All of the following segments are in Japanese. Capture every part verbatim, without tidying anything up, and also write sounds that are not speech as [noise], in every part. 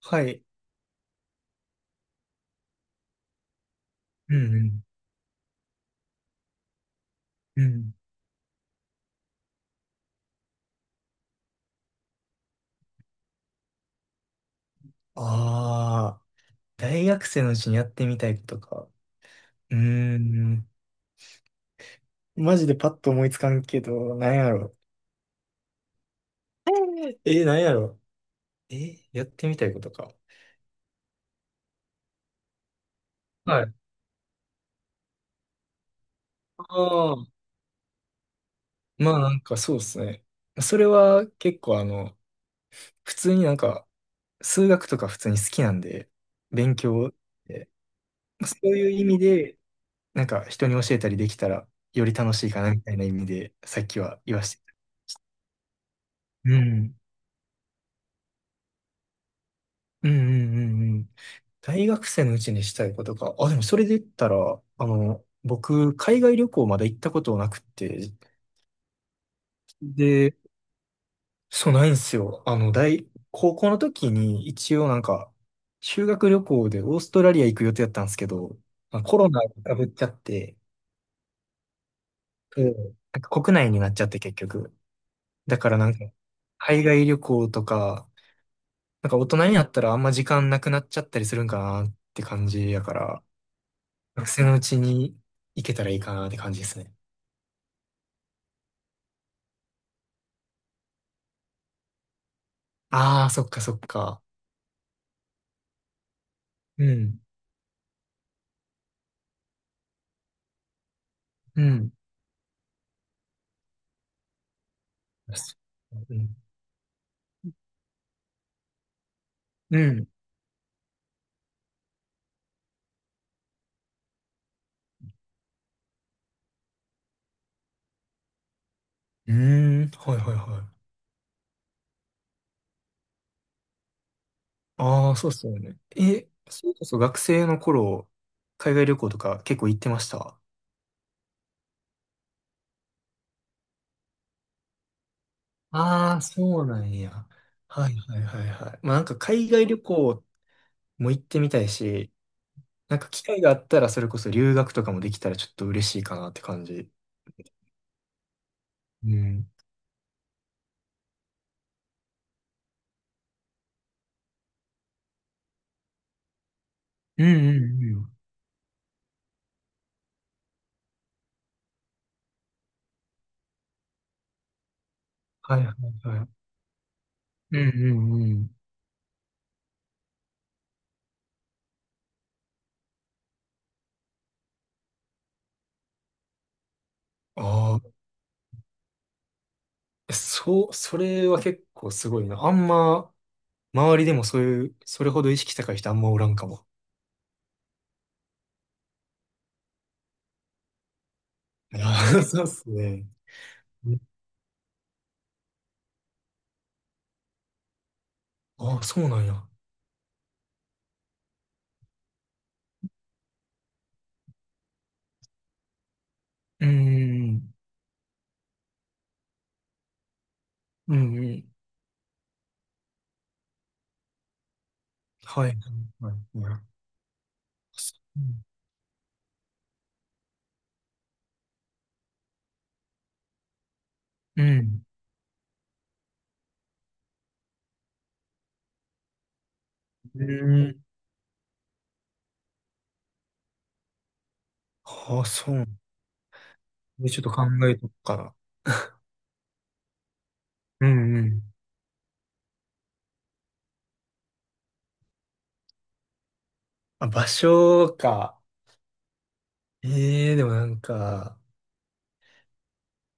はい。うんうん。うん。ああ、大学生のうちにやってみたいことか。うーん。マジでパッと思いつかんけど、なんやろ。[laughs] えー、なんやろ。えー、やってみたいことか。はい。ああ、まあなんかそうですね。それは結構あの、普通になんか、数学とか普通に好きなんで、勉強で、そういう意味で、なんか人に教えたりできたらより楽しいかなみたいな意味で、さっきは言わせて。うんうんうんうんうん。大学生のうちにしたいことか。あ、でもそれで言ったら、あの、僕、海外旅行まだ行ったことなくて、で、そうないんですよ。あの、大、高校の時に一応なんか、修学旅行でオーストラリア行く予定だったんですけど、まあコロナがぶっちゃって、うん、なんか国内になっちゃって結局。だからなんか、海外旅行とか、なんか大人になったらあんま時間なくなっちゃったりするんかなって感じやから、学生のうちに行けたらいいかなって感じですね。ああ、そっかそっか。うん。うん。うん。うん。うーん。はいはいはい。ああ、そうっすよね。え、それこそ学生の頃、海外旅行とか結構行ってました？ああ、そうなんや。はいはいはいはい。まあなんか海外旅行も行ってみたいし、なんか機会があったらそれこそ留学とかもできたらちょっと嬉しいかなって感じ。うん。うんうんうん。はいはいはい。うんうんうん。ああ、えそう、それは結構すごいな。あんま、周りでもそういう、それほど意識高い人あんまおらんかも。いや、 [laughs] そうっすね。ああ、そうなんや。うーん、うん、うん。はい。はい、はい。うん。うん。ああ、そう。でちょっと考えとくから。うんうん。あ、場所か。ええでもなんか、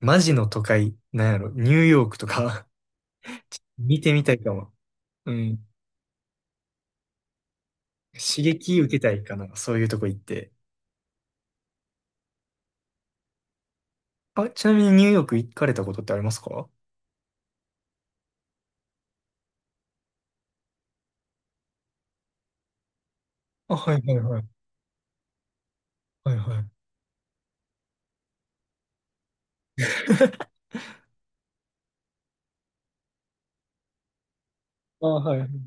マジの都会、なんやろ、ニューヨークとか、 [laughs] 見てみたいかも。うん。刺激受けたいかな、そういうとこ行って。あ、ちなみにニューヨーク行かれたことってありますか？あ、はいはいはい。はいはい。[laughs] あ、はいはい。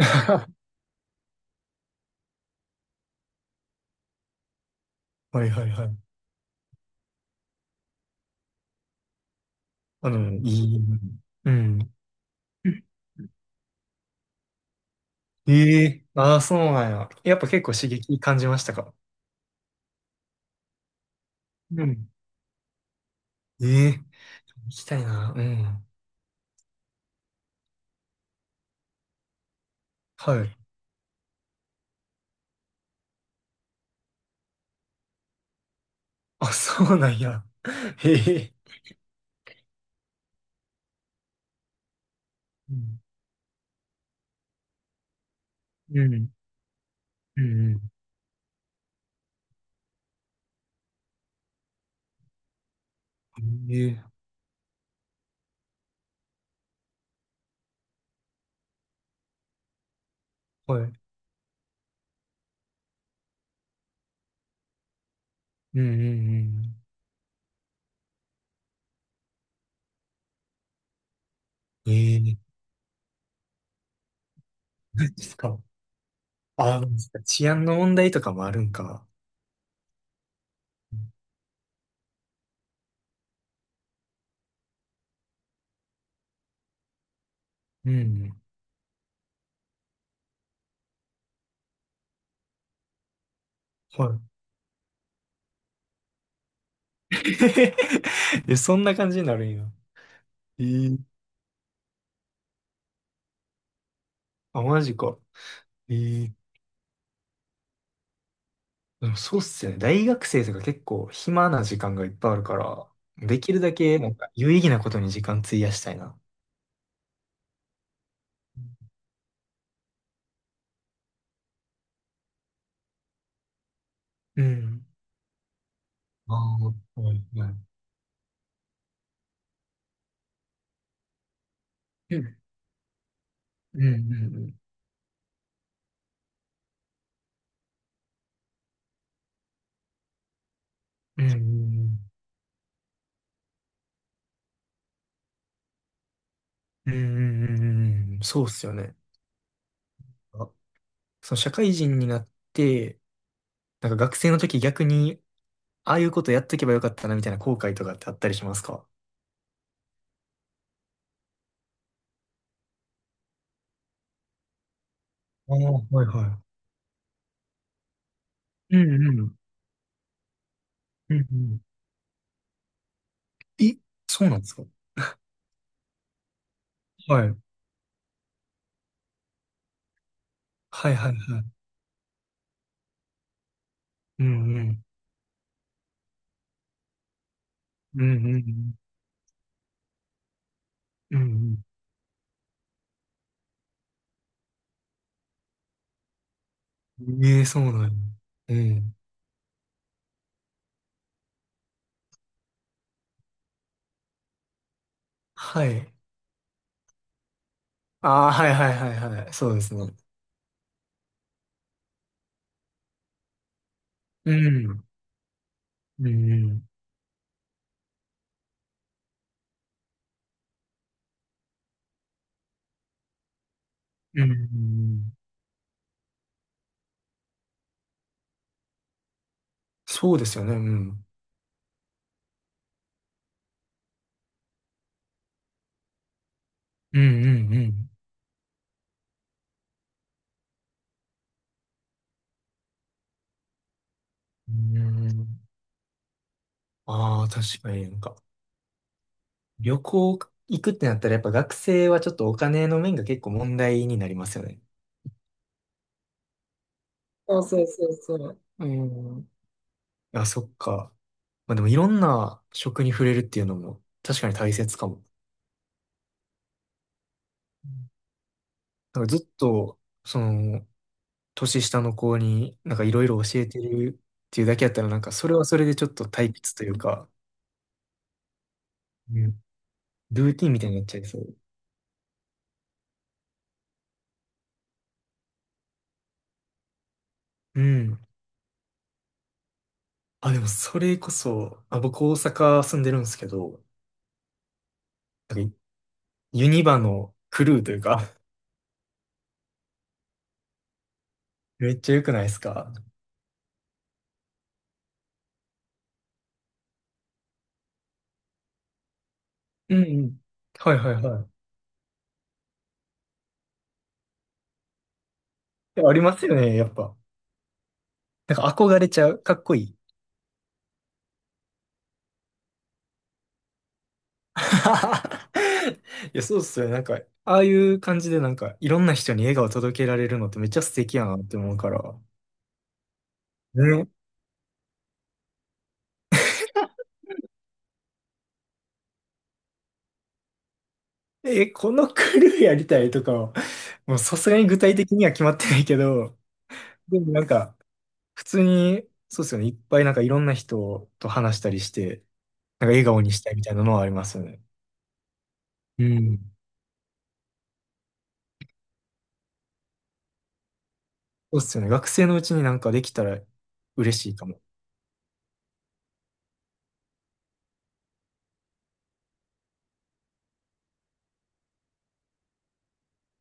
[laughs] はいはいはいはい。あの、いい。うん。ええ、ああ、そうなんや。やっぱ結構刺激感じましたか？うん。ええ、行きたいな。うん。はい。あ、そうなんや。[laughs] へえ。うん。うん。うん。うんええ、はい。うんうんうん。ええ、マジっすか。ああ、治安の問題とかもあるんか。うん。はい。[laughs] え、そんな感じになるんや。えー、あ、マジか。えー、でもそうっすよね。大学生とか結構暇な時間がいっぱいあるから、できるだけなんか有意義なことに時間費やしたいな。うん。ああ、はいはい。うん。うんうんうん。うんうんうんうんうんうん。そうっすよね。あ、その社会人になって、なんか学生の時逆にああいうことやっとけばよかったなみたいな後悔とかってあったりしますか？ああ、はいはい。うんうん。うんうん、え、そうなんですか？はい。はいはいはい。うんうん。うんうんうん。うんうんええ、そうなんや。うん。はい。ああ、はいはいはいはい。そうですね。うん。うんうん。うんうんうん。そうですよね。うん。うんうんうん。うん。ああ、確かになんか。旅行行くってなったらやっぱ学生はちょっとお金の面が結構問題になりますよね。そうそうそうそう。うん。あ、そっか。まあでもいろんな食に触れるっていうのも確かに大切かも。うん、なんかずっと、その、年下の子になんかいろいろ教えてるっていうだけやったらなんかそれはそれでちょっと退屈というか、うん、ルーティンみたいになっちゃいそう。うん。あ、でもそれこそ、あ、僕大阪住んでるんですけど、なんかユニバのクルーというか、めっちゃ良くないですか？うんうん。はいはいはい。いやありますよね、やっぱ。なんか憧れちゃう。かっこいい。[laughs] いや、そうっすよね。なんか、ああいう感じでなんか、いろんな人に笑顔届けられるのってめっちゃ素敵やなって思うから。ね。え、このクルーやりたいとかは、もうさすがに具体的には決まってないけど、でもなんか、普通に、そうっすよね。いっぱいなんかいろんな人と話したりして、なんか笑顔にしたいみたいなのはありますよね。うん。そうっすよね。学生のうちになんかできたら嬉しいかも。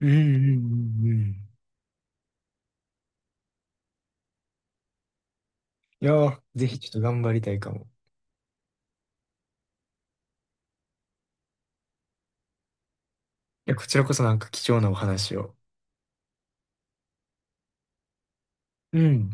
うんうんうんうん、いやー、ぜひちょっと頑張りたいかも。いや、こちらこそなんか貴重なお話を。うん。